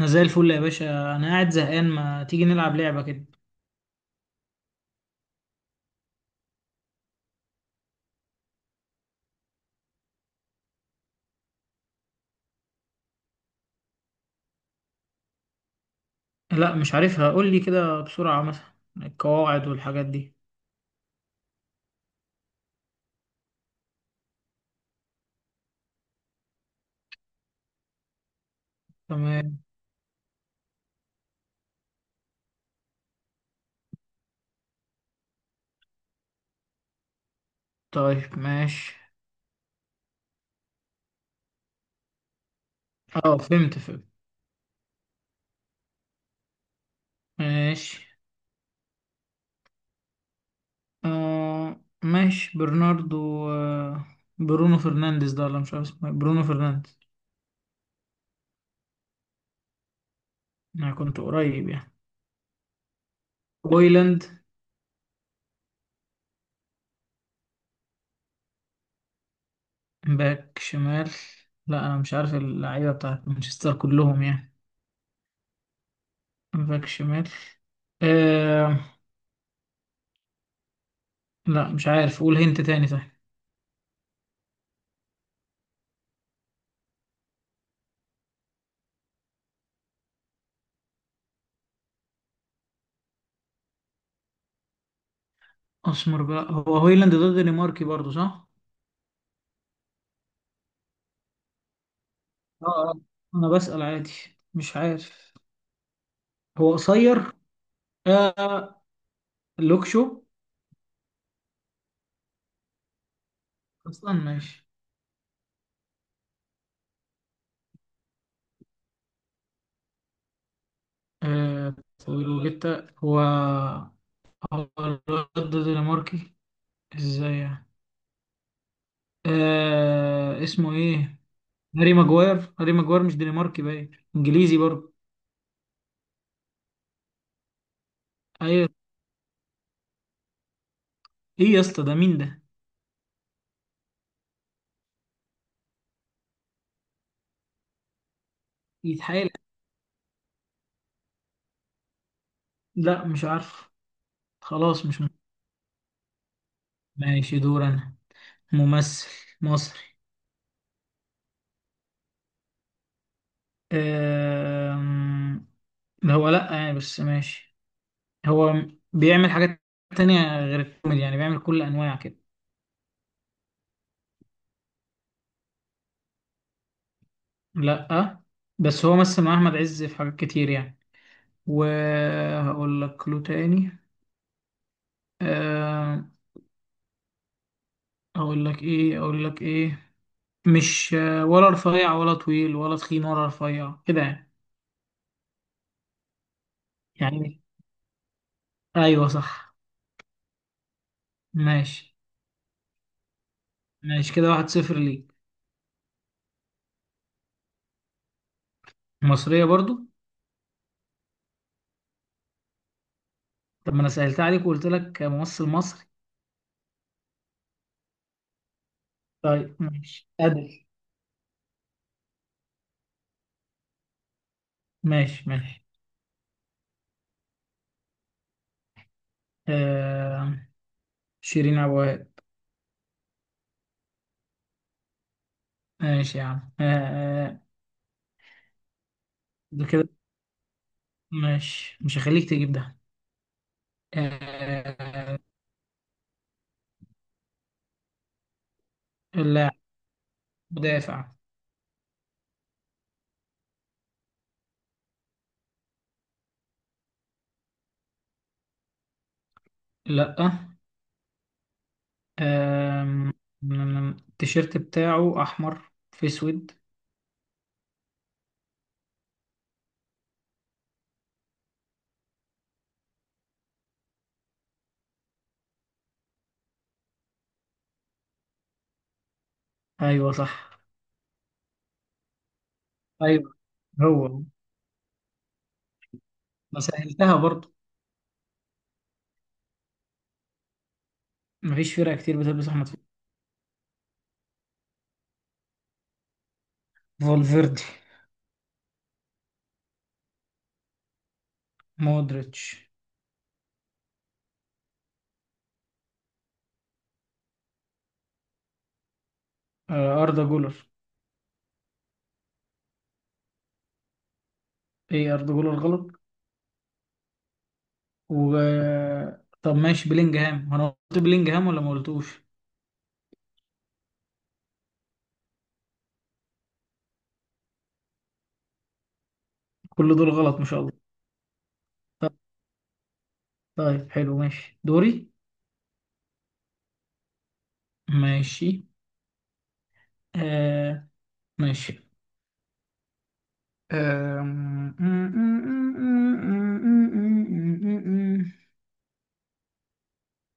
انا زي الفل يا باشا، انا قاعد زهقان. ما تيجي نلعب لعبة كده؟ لا مش عارفها، قول لي كده بسرعة مثلا القواعد والحاجات دي. تمام. طيب ماشي. اه فهمت. ماشي. آه ماشي، برناردو. آه برونو فرنانديز ده، ولا مش عارف اسمه إيه. برونو فرنانديز. انا كنت قريب يعني. بويلاند. باك شمال. لا انا مش عارف اللعيبة بتاعت مانشستر كلهم يعني. باك شمال. آه. لا مش عارف، قول هنت تاني طيب. اسمر بقى، هو هويلاند ده دنماركي برضه صح؟ اه اه، انا بسأل عادي، مش عارف. هو قصير. آه لوكشو. اصلا ماشي. آه طويل وجتا هو. هو الواد ده دنماركي ازاي يعني؟ آه اسمه ايه، هاري ماجواير. هاري ماجواير مش دنماركي، باين انجليزي برضه. ايوه. ايه يا اسطى ده مين ده؟ يتحايل. لا مش عارف. خلاص مش م- ماشي دور انا. ممثل مصري. أم، ده هو لأ يعني، بس ماشي. هو بيعمل حاجات تانية غير الكوميدي يعني، بيعمل كل أنواع كده. لأ بس هو مثل مع أحمد عز في حاجات كتير يعني، وهقول لك له تاني. أم، أقول لك إيه. مش ولا رفيع ولا طويل ولا تخين، ولا رفيع كده يعني. يعني أيوه صح. ماشي. ماشي كده 1-0 ليك. مصرية برضو. طب ما أنا سهلت عليك وقلت لك ممثل مصري. طيب ماشي أدل. ماشي ماشي. آه شيرين أبو وهاب. ماشي يا عم. آه. آه، ده كده ماشي، مش هخليك تجيب ده. آه. اللاعب مدافع. لأ. آم، التيشيرت بتاعه أحمر في أسود. أيوه صح. أيوه هو. ما سهلتها برضه، مفيش فرقة كتير بتلبس أحمر. فولفيردي. مودريتش. آه أردا جولر. إيه أردا جولر غلط. و طب ماشي بلينجهام، انا قلت بلينجهام ولا ما قلتوش؟ كل دول غلط ما شاء الله. طب. طيب حلو ماشي دوري. ماشي. آه. ماشي. آه...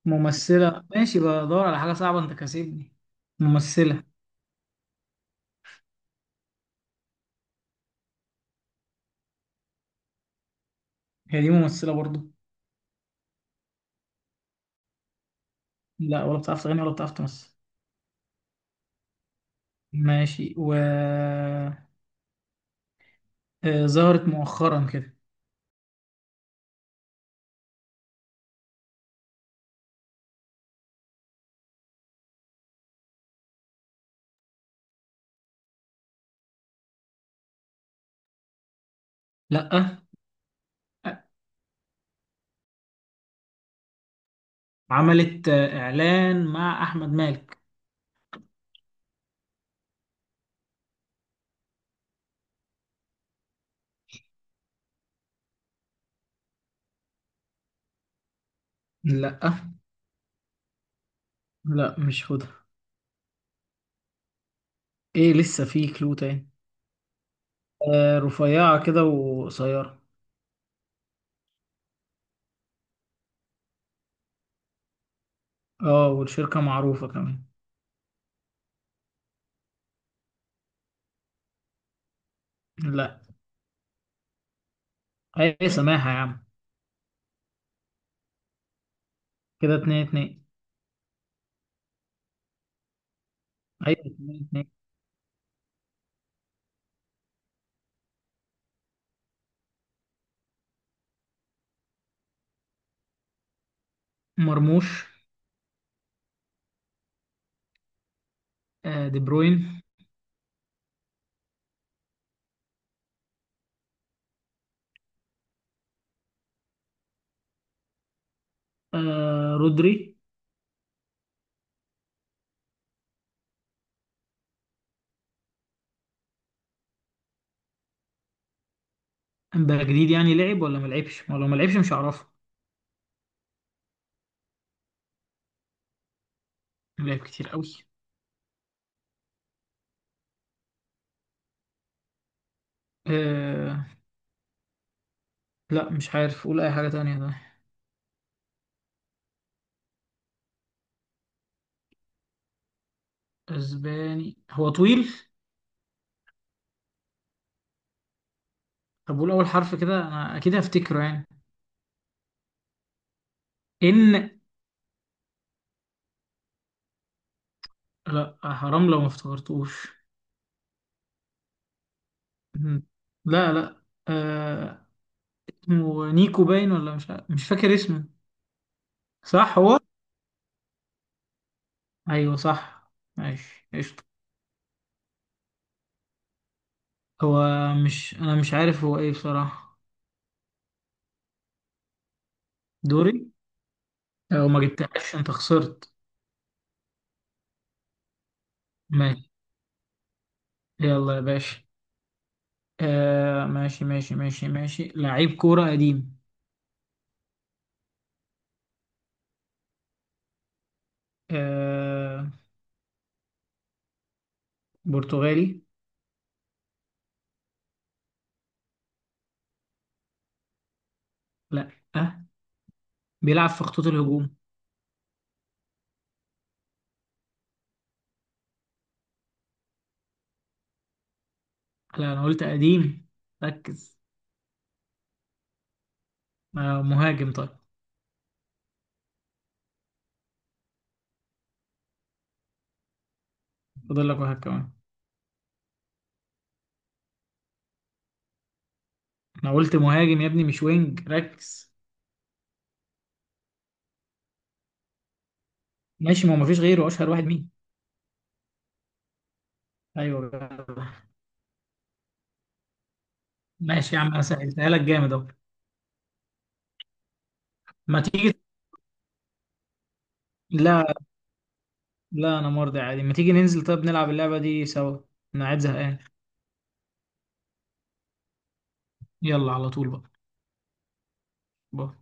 ممثلة. ماشي بدور على حاجة صعبة، انت كاسبني. ممثلة. هي دي ممثلة برضو؟ لا ولا بتعرف تغني ولا بتعرف تمثل. ماشي و ظهرت مؤخرا كده. لا. عملت إعلان مع أحمد مالك. لا لا مش خدها. ايه لسه في كلو تاني. آه رفيعة كده وقصيرة. اه والشركة معروفة كمان. لا اي سماحة يا عم. كده 2-2. ايوه 2-2. مرموش. آه دي بروين. آه رودري. امبابة جديد يعني، لعب ولا ما لعبش؟ ولو ما لعبش مش هعرفه. لعب كتير قوي. آه. لا مش عارف، قول اي حاجة تانية ده. اسباني، هو طويل. طب قول اول حرف كده انا اكيد هفتكره يعني. ان. لا حرام لو ما افتكرتوش. مم. لا لا. آه... اسمه نيكو باين، ولا مش فاكر اسمه. صح هو. ايوه صح. ماشي قشطة. هو مش انا، مش عارف هو ايه بصراحة. دوري. لو ما جبتهاش انت خسرت. ماشي. يلا يا باشا. ماشي، لعيب كورة قديم. آه... برتغالي. لا. آه. بيلعب في خطوط الهجوم. لا انا قلت قديم، ركز. آه مهاجم طيب. فاضل لك واحد كمان. انا قلت مهاجم يا ابني مش وينج، ركز. ماشي، ما هو مفيش غيره، اشهر واحد مين؟ ايوه جدع. ماشي يا عم انا سهلتها لك جامد اهو. ما تيجي. لا لا انا مرضي عادي، ما تيجي ننزل طيب نلعب اللعبة دي سوا. انا قاعد زهقان. يلا على طول بقى. باي.